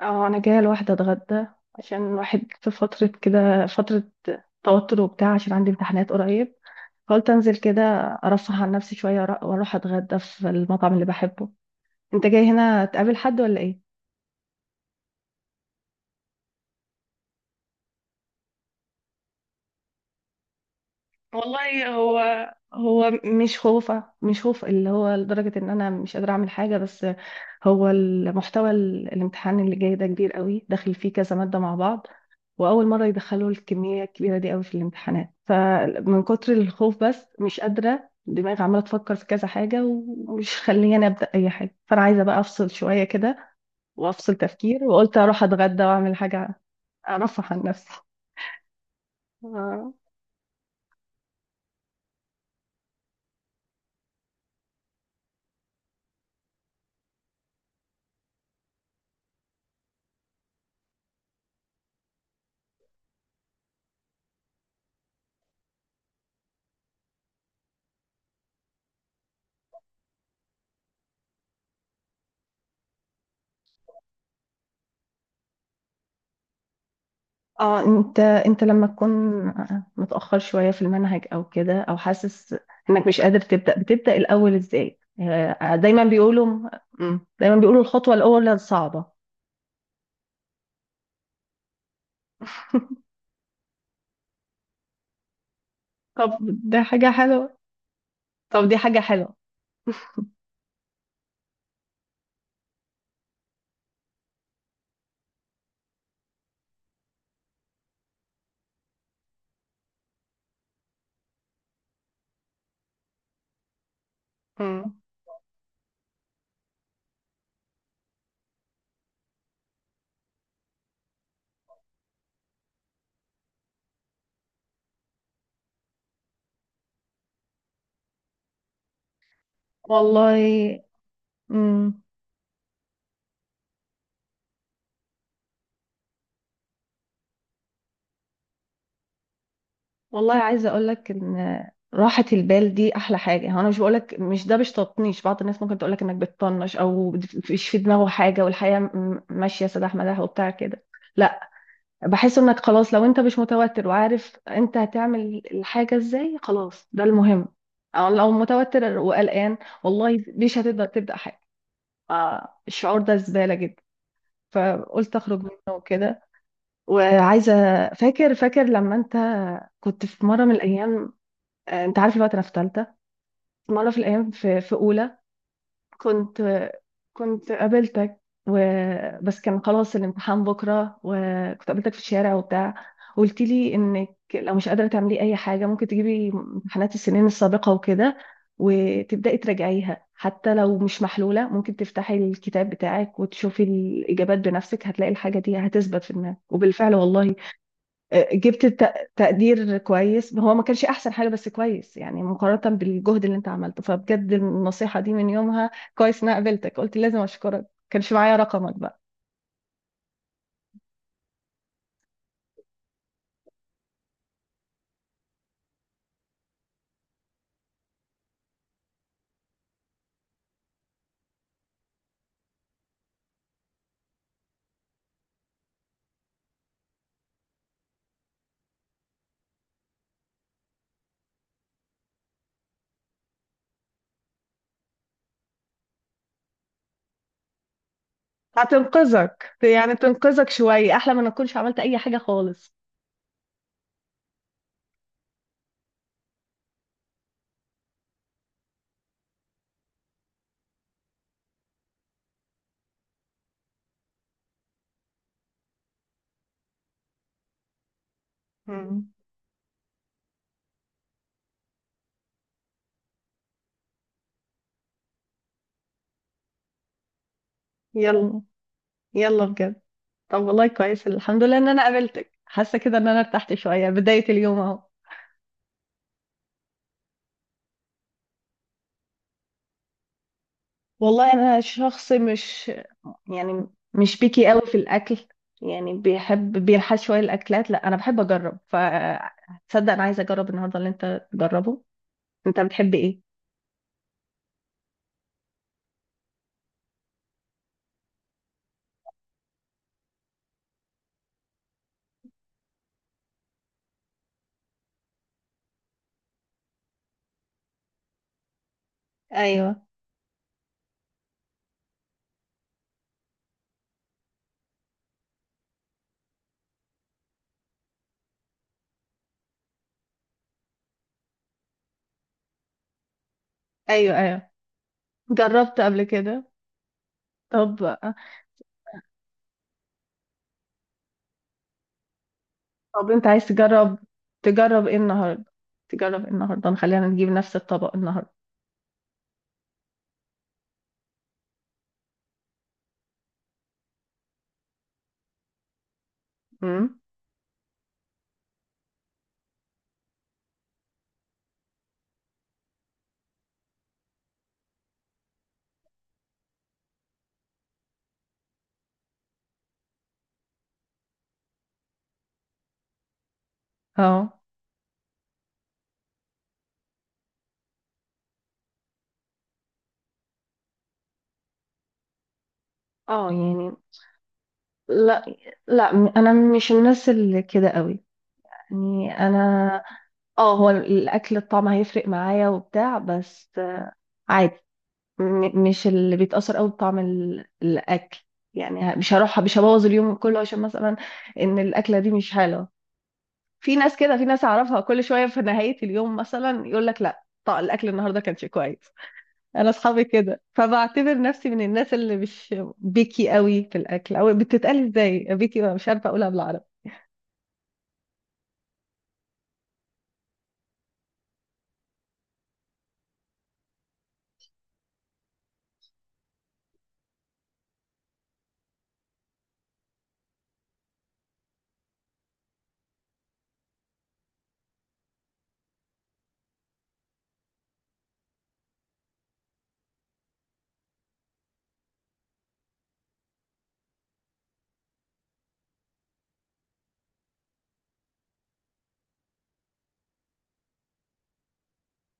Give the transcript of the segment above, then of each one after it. اه، انا جايه لوحدي اتغدى عشان الواحد في فتره توتر وبتاع، عشان عندي امتحانات قريب. قلت انزل كده ارفه عن نفسي شويه، واروح اتغدى في المطعم اللي بحبه. انت جاي هنا تقابل حد ولا ايه؟ والله، هو مش خوف اللي هو لدرجة ان انا مش قادرة اعمل حاجة، بس هو المحتوى الامتحان اللي جاي ده كبير قوي، داخل فيه كذا مادة مع بعض، واول مرة يدخلوا الكمية الكبيرة دي قوي في الامتحانات، فمن كتر الخوف بس مش قادرة، دماغي عمالة تفكر في كذا حاجة ومش خليني ابدأ اي حاجة. فانا عايزة بقى افصل شوية كده وافصل تفكير، وقلت اروح اتغدى واعمل حاجة ارفه عن نفسي. آه. اه، انت لما تكون متأخر شوية في المنهج او كده، او حاسس انك مش قادر تبدأ، بتبدأ الاول ازاي؟ آه، دايما بيقولوا، دايما بيقولوا الخطوة الاولى صعبة. طب ده حاجة حلوة طب دي حاجة حلوة. مم. والله. مم. والله عايزة اقولك ان راحة البال دي احلى حاجة. هو انا مش بقولك، مش ده مش تطنيش، بعض الناس ممكن تقولك انك بتطنش او مش في دماغه حاجة والحياة ماشية سداح مداح وبتاع كده. لا، بحس انك خلاص لو انت مش متوتر وعارف انت هتعمل الحاجة ازاي، خلاص ده المهم. او لو متوتر وقلقان، والله مش هتقدر تبدأ حاجة. آه، الشعور ده زبالة جدا، فقلت اخرج منه وكده، وعايزة. فاكر لما انت كنت في مرة من الايام، آه، انت عارف الوقت انا في تالتة، مرة في الايام في اولى، كنت كنت قابلتك و... بس كان خلاص الامتحان بكرة، وكنت قابلتك في الشارع وبتاع، قلت لي انك لو مش قادرة تعملي اي حاجة ممكن تجيبي امتحانات السنين السابقة وكده وتبدأي تراجعيها، حتى لو مش محلولة ممكن تفتحي الكتاب بتاعك وتشوفي الإجابات بنفسك، هتلاقي الحاجة دي هتثبت في دماغك. وبالفعل والله جبت تقدير كويس. هو ما كانش احسن حاجه بس كويس يعني، مقارنه بالجهد اللي انت عملته. فبجد النصيحه دي من يومها كويس ان انا قابلتك، قلت لازم اشكرك، كانش معايا رقمك بقى. هتنقذك يعني، تنقذك شويه، احلى ما نكونش عملت اي حاجه خالص. مم. يلا. مم. يلا بجد. طب والله كويس الحمد لله ان انا قابلتك، حاسه كده ان انا ارتحت شويه بدايه اليوم اهو. والله انا شخص مش يعني مش بيكي قوي في الاكل. يعني بيحب بينحاز شويه الاكلات، لا انا بحب اجرب، فتصدق انا عايزه اجرب النهارده اللي انت تجربه. انت بتحب ايه؟ ايوه ايوه. جربت قبل كده؟ طب. طب انت عايز تجرب، تجرب ايه النهارده؟ خلينا نجيب نفس الطبق النهارده. امم. اه اه يعني، لا، لا انا مش الناس اللي كده قوي. يعني انا، اه، هو الاكل الطعم هيفرق معايا وبتاع، بس عادي، مش اللي بيتاثر قوي بطعم الاكل. يعني مش هروح، مش هبوظ اليوم كله عشان مثلا ان الاكله دي مش حلوه. في ناس كده، في ناس اعرفها كل شويه في نهايه اليوم مثلا يقول لك لا طيب الاكل النهارده كانش كويس. انا اصحابي كده، فبعتبر نفسي من الناس اللي مش بيكي قوي في الاكل، او بتتقال ازاي؟ بيكي، مش عارفه اقولها بالعربي.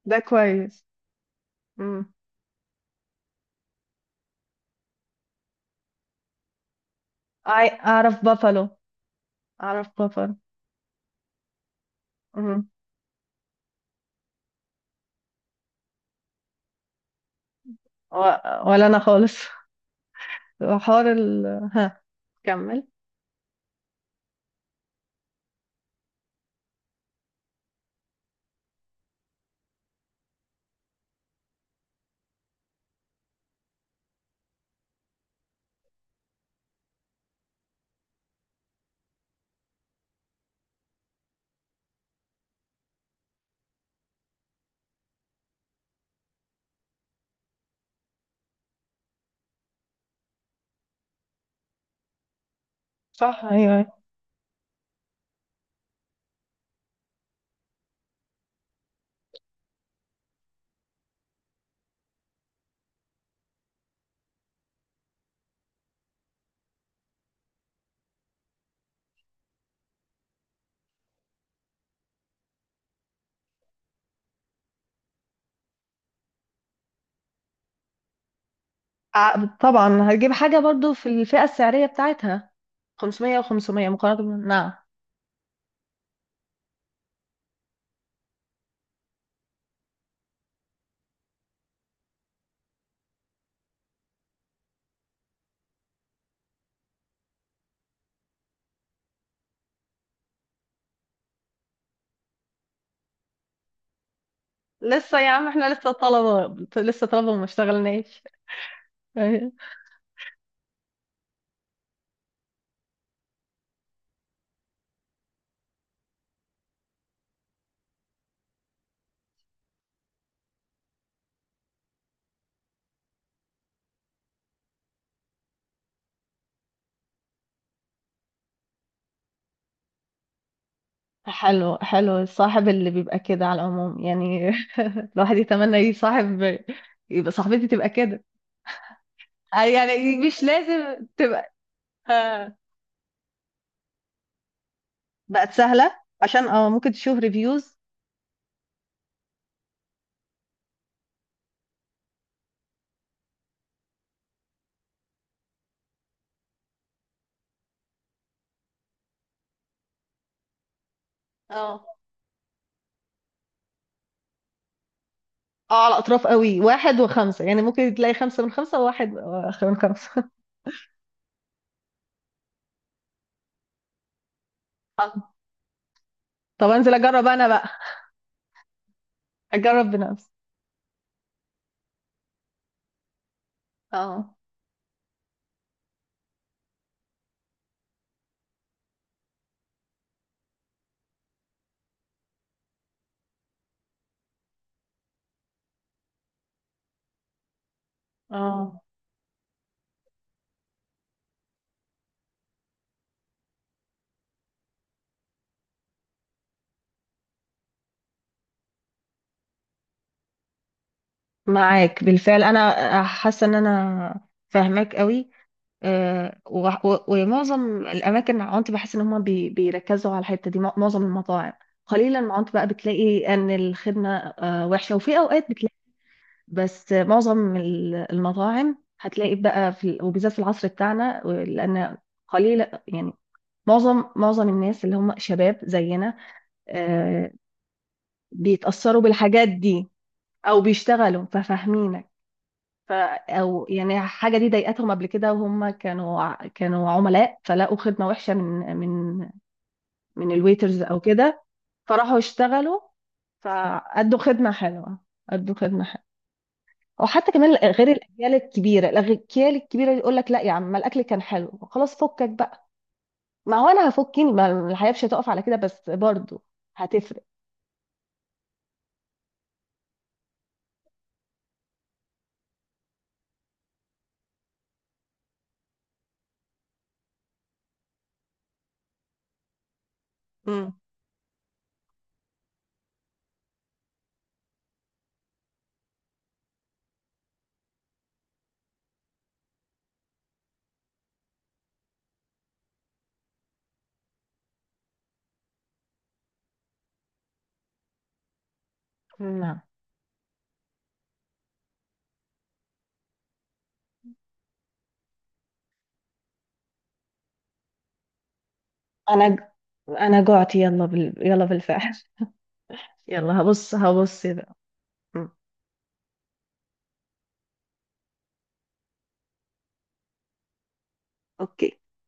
ده كويس. امم. أع- اعرف بافالو. اعرف بافالو و... ولا انا خالص. حوار ال، ها؟ كمل. صح، ايوه، أيوة. طبعا هتجيب حاجه برضو في الفئه السعريه بتاعتها، 500 و500 مقارنه، نعم. لسه يا عم، احنا لسه طلبه وما اشتغلناش. أيوة. حلو، حلو، الصاحب اللي بيبقى كده على العموم يعني، الواحد يتمنى يصاحب، يبقى صاحبتي تبقى كده. آه، يعني مش لازم تبقى. آه. بقت سهله، عشان اه ممكن تشوف ريفيوز. اه اه، على اطراف قوي، واحد وخمسه، يعني ممكن تلاقي خمسه من خمسه وواحد من خمسه. اه، طب انزل اجرب انا بقى، اجرب بنفسي. اه اه، معاك بالفعل، انا حاسه ان انا فاهماك قوي. آه، ومعظم الاماكن عندي بحس ان هم بيركزوا على الحته دي، معظم المطاعم. قليلا ما عندي بقى بتلاقي ان الخدمه، آه، وحشه، وفي اوقات بتلاقي. بس معظم المطاعم هتلاقي بقى في، وبالذات في العصر بتاعنا، لان قليل يعني. معظم الناس اللي هم شباب زينا، آه، بيتأثروا بالحاجات دي او بيشتغلوا، ففاهمينك. ف، او يعني حاجه دي ضايقتهم قبل كده وهم كانوا عملاء، فلقوا خدمه وحشه من من الويترز او كده، فراحوا يشتغلوا فادوا خدمه حلوه. ادوا خدمه. او حتى كمان غير الاجيال الكبيره، الاجيال الكبيره اللي يقول لك لا يا عم ما الاكل كان حلو خلاص فكك بقى. ما هو انا هفكني، ما الحياه مش هتقف على كده، بس برضو هتفرق. مم. نعم. انا ج- انا جعت، يلا بالفعل. يلا، هبص هبص بقى. مم. اوكي.